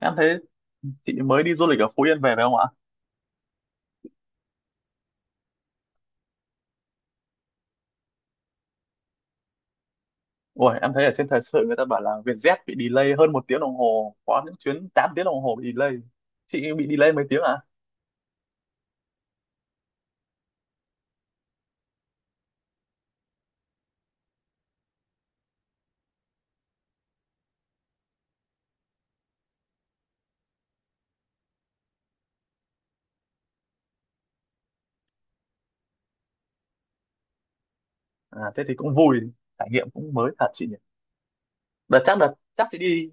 Em thấy chị mới đi du lịch ở Phú Yên về phải không ạ? Ôi, em thấy ở trên thời sự người ta bảo là Vietjet bị delay hơn một tiếng đồng hồ, có những chuyến 8 tiếng đồng hồ bị delay. Chị bị delay mấy tiếng à? À, thế thì cũng vui, trải nghiệm cũng mới thật chị nhỉ. Đợt chắc chị đi,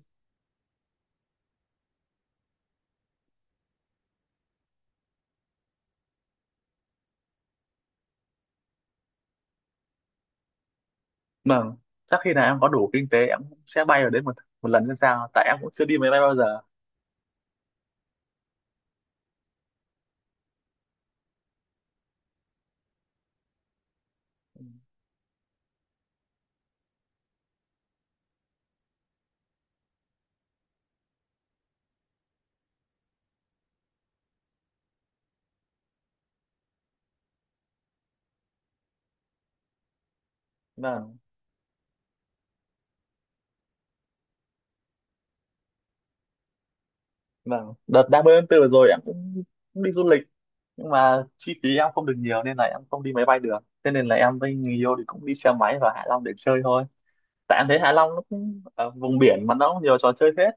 mà chắc khi nào em có đủ kinh tế em cũng sẽ bay ở đấy một một lần xem sao, tại em cũng chưa đi máy bay bao giờ. Vâng, vâng. Đợt 30 tháng 4 vừa rồi em cũng, cũng đi du lịch, nhưng mà chi phí em không được nhiều nên là em không đi máy bay được. Thế nên là em với người yêu thì cũng đi xe máy vào Hạ Long để chơi thôi. Tại em thấy Hạ Long nó cũng vùng biển mà nó cũng nhiều trò chơi hết,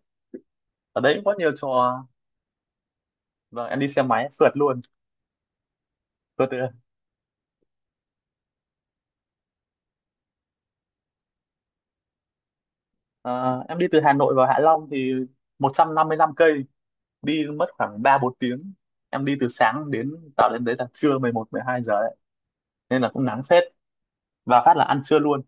ở đấy cũng có nhiều trò. Vâng, em đi xe máy phượt luôn, phượt từ ờ, em đi từ Hà Nội vào Hạ Long thì 155 cây, đi mất khoảng 3 4 tiếng. Em đi từ sáng đến, tạo đến đấy là trưa 11 12 giờ đấy nên là cũng nắng phết, và phát là ăn trưa luôn.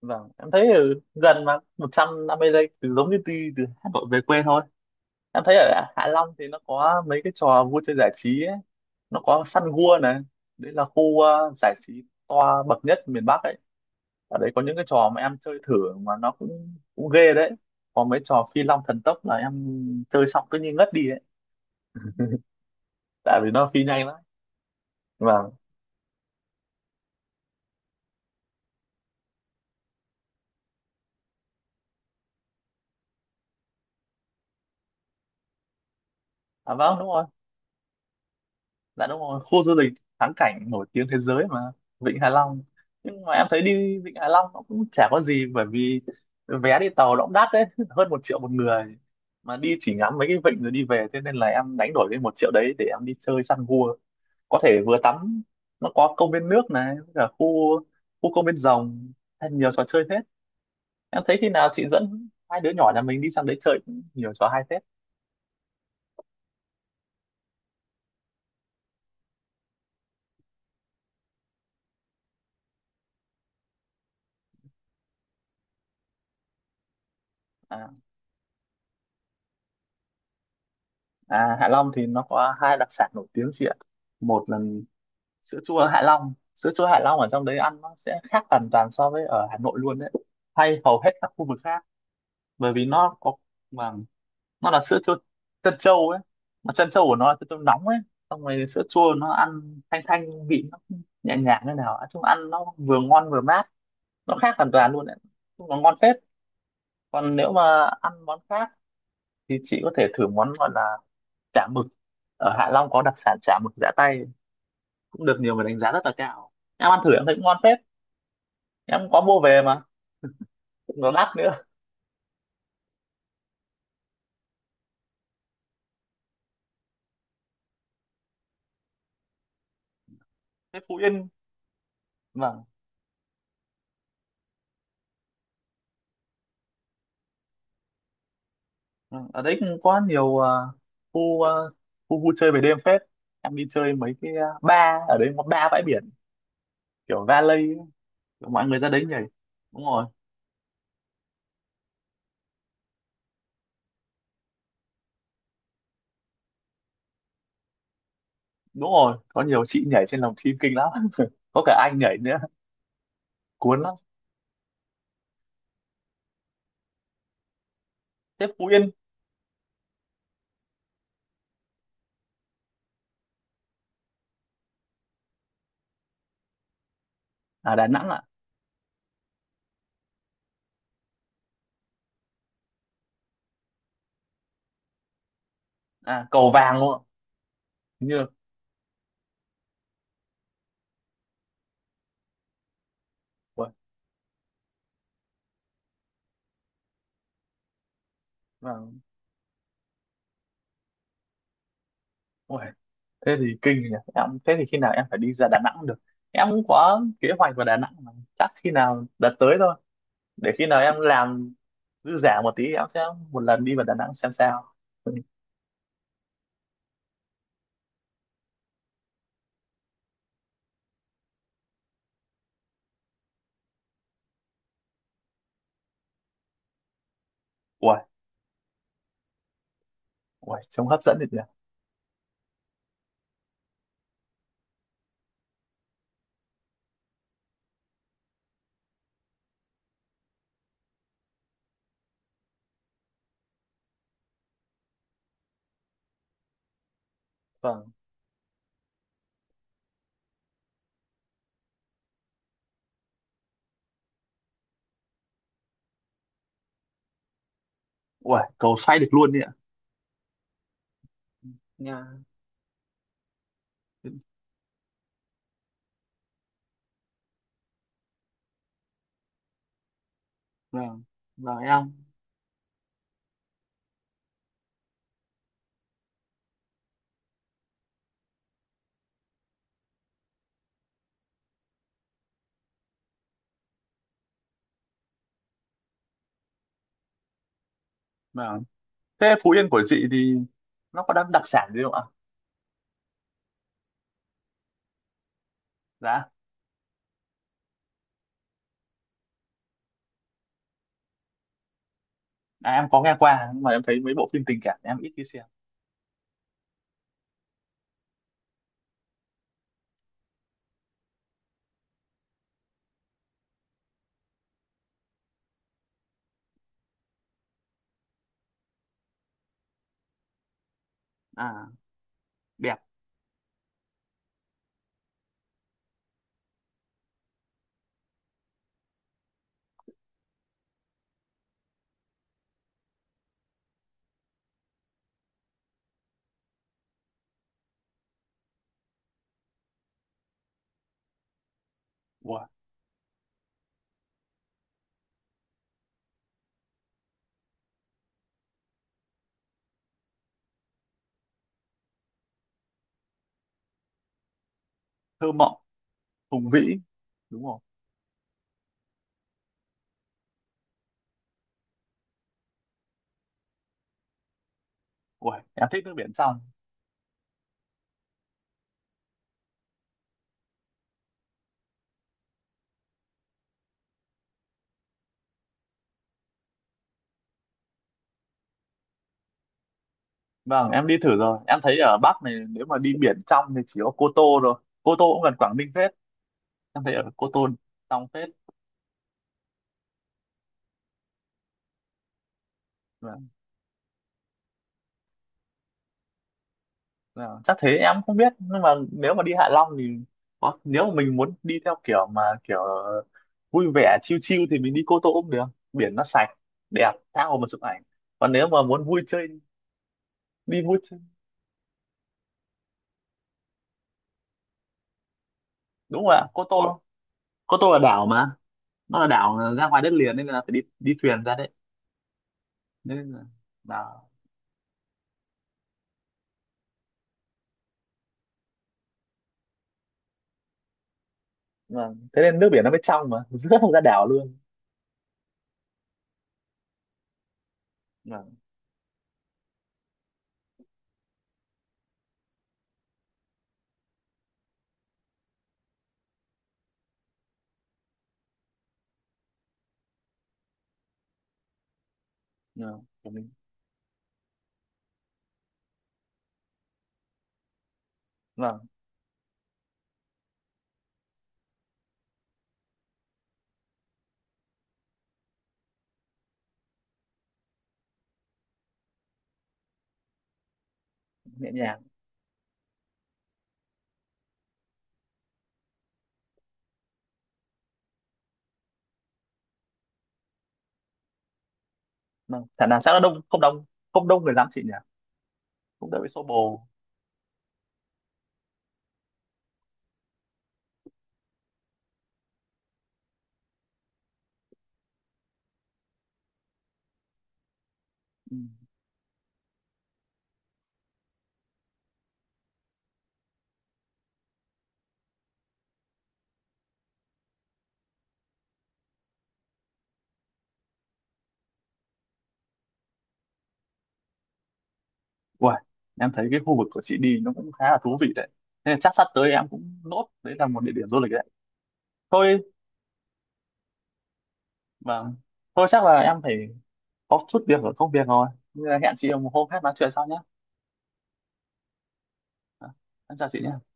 Vâng, em thấy ở gần mà 150 giây, từ giống như đi từ Hà Nội về quê thôi. Em thấy ở Hạ Long thì nó có mấy cái trò vui chơi giải trí ấy. Nó có Sun Gua này, đấy là khu giải trí toa bậc nhất miền Bắc ấy. Ở đấy có những cái trò mà em chơi thử mà nó cũng cũng ghê đấy, có mấy trò phi long thần tốc là em chơi xong cứ như ngất đi ấy tại vì nó phi nhanh lắm. Vâng. À vâng, đúng rồi. Dạ đúng rồi, khu du lịch thắng cảnh nổi tiếng thế giới mà, Vịnh Hạ Long. Nhưng mà em thấy đi Vịnh Hạ Long nó cũng chả có gì, bởi vì vé đi tàu nó cũng đắt đấy hơn 1 triệu một người, mà đi chỉ ngắm mấy cái vịnh rồi đi về. Thế nên là em đánh đổi cái 1 triệu đấy để em đi chơi săn gua, có thể vừa tắm. Nó có công viên nước này với cả khu, khu công viên rồng, hay nhiều trò chơi hết. Em thấy khi nào chị dẫn hai đứa nhỏ nhà mình đi sang đấy chơi cũng nhiều trò hay phết. À, à, Hạ Long thì nó có hai đặc sản nổi tiếng chị ạ. Một là sữa chua Hạ Long, sữa chua Hạ Long ở trong đấy ăn nó sẽ khác hoàn toàn so với ở Hà Nội luôn đấy, hay hầu hết các khu vực khác, bởi vì nó có, mà nó là sữa chua trân châu ấy, mà trân châu của nó là trân châu nóng ấy, xong rồi sữa chua nó ăn thanh thanh, vị nó nhẹ nhàng như nào, nói chung ăn nó vừa ngon vừa mát, nó khác hoàn toàn luôn đấy. Nói chung nó ngon phết. Còn nếu mà ăn món khác thì chị có thể thử món gọi là chả mực, ở Hạ Long có đặc sản chả mực giã tay, cũng được nhiều người đánh giá rất là cao, em ăn thử em thấy cũng ngon phết. Em có mua về mà cũng nó đắt nữa. Thế Phú Yên mà, ừ, ở đấy cũng có nhiều khu, khu vui chơi về đêm phết. Em đi chơi mấy cái bar ở đấy có ba bãi biển kiểu valet ấy. Kiểu mọi người ra đấy nhảy, đúng rồi đúng rồi, có nhiều chị nhảy trên lòng chim kinh lắm có cả anh nhảy nữa, cuốn lắm. Thế Phú Yên. À Đà Nẵng ạ? À, Cầu Vàng luôn ạ. Hình như ui, vàng, ui, thế thì kinh nhỉ. Em thế thì khi nào em phải đi ra Đà Nẵng được, em cũng có kế hoạch vào Đà Nẵng mà. Chắc khi nào đợt tới thôi, để khi nào em làm dư giả một tí thì em sẽ một lần đi vào Đà Nẵng xem sao. Ui, ui trông hấp dẫn được nhỉ. Vâng. Ui cầu xoay được luôn đấy ạ. Nha. Vâng, vâng em, vâng. Thế Phú Yên của chị thì nó có đặc đặc sản gì không ạ? Dạ. À, em có nghe qua nhưng mà em thấy mấy bộ phim tình cảm em ít khi xem. À, đẹp. Ui, thơ mộng, hùng vĩ đúng không. Ui em thích nước biển trong. Vâng em đi thử rồi em thấy ở Bắc này nếu mà đi biển trong thì chỉ có Cô Tô rồi, Cô Tô cũng gần Quảng Ninh. Thế em thấy ở Cô Tôn xong phết. Vâng, vâng. Chắc thế em không biết, nhưng mà nếu mà đi Hạ Long thì có, nếu mà mình muốn đi theo kiểu mà kiểu vui vẻ chill chill thì mình đi Cô Tô cũng được, biển nó sạch đẹp tha hồ mà chụp ảnh. Còn nếu mà muốn vui chơi, đi vui chơi. Đúng rồi ạ. Cô Tô, Cô Tô là đảo mà, nó là đảo ra ngoài đất liền nên là phải đi đi thuyền ra đấy nên là đảo. Vâng thế nên nước biển nó mới trong mà rớt ra đảo luôn. Vâng. Vâng của mình. Vâng, nhẹ nhàng. Vâng thả nào chắc nó đông, không đông, không đông người lắm chị nhỉ. Cũng đỡ bị xô bồ. Ừ. Uầy, em thấy cái khu vực của chị đi nó cũng khá là thú vị đấy, nên là chắc sắp tới em cũng nốt đấy là một địa điểm du lịch đấy thôi. Vâng, thôi chắc là em phải có chút việc ở công việc rồi, nên là hẹn chị một hôm khác nói chuyện sau nhé. À, em chào chị nhé.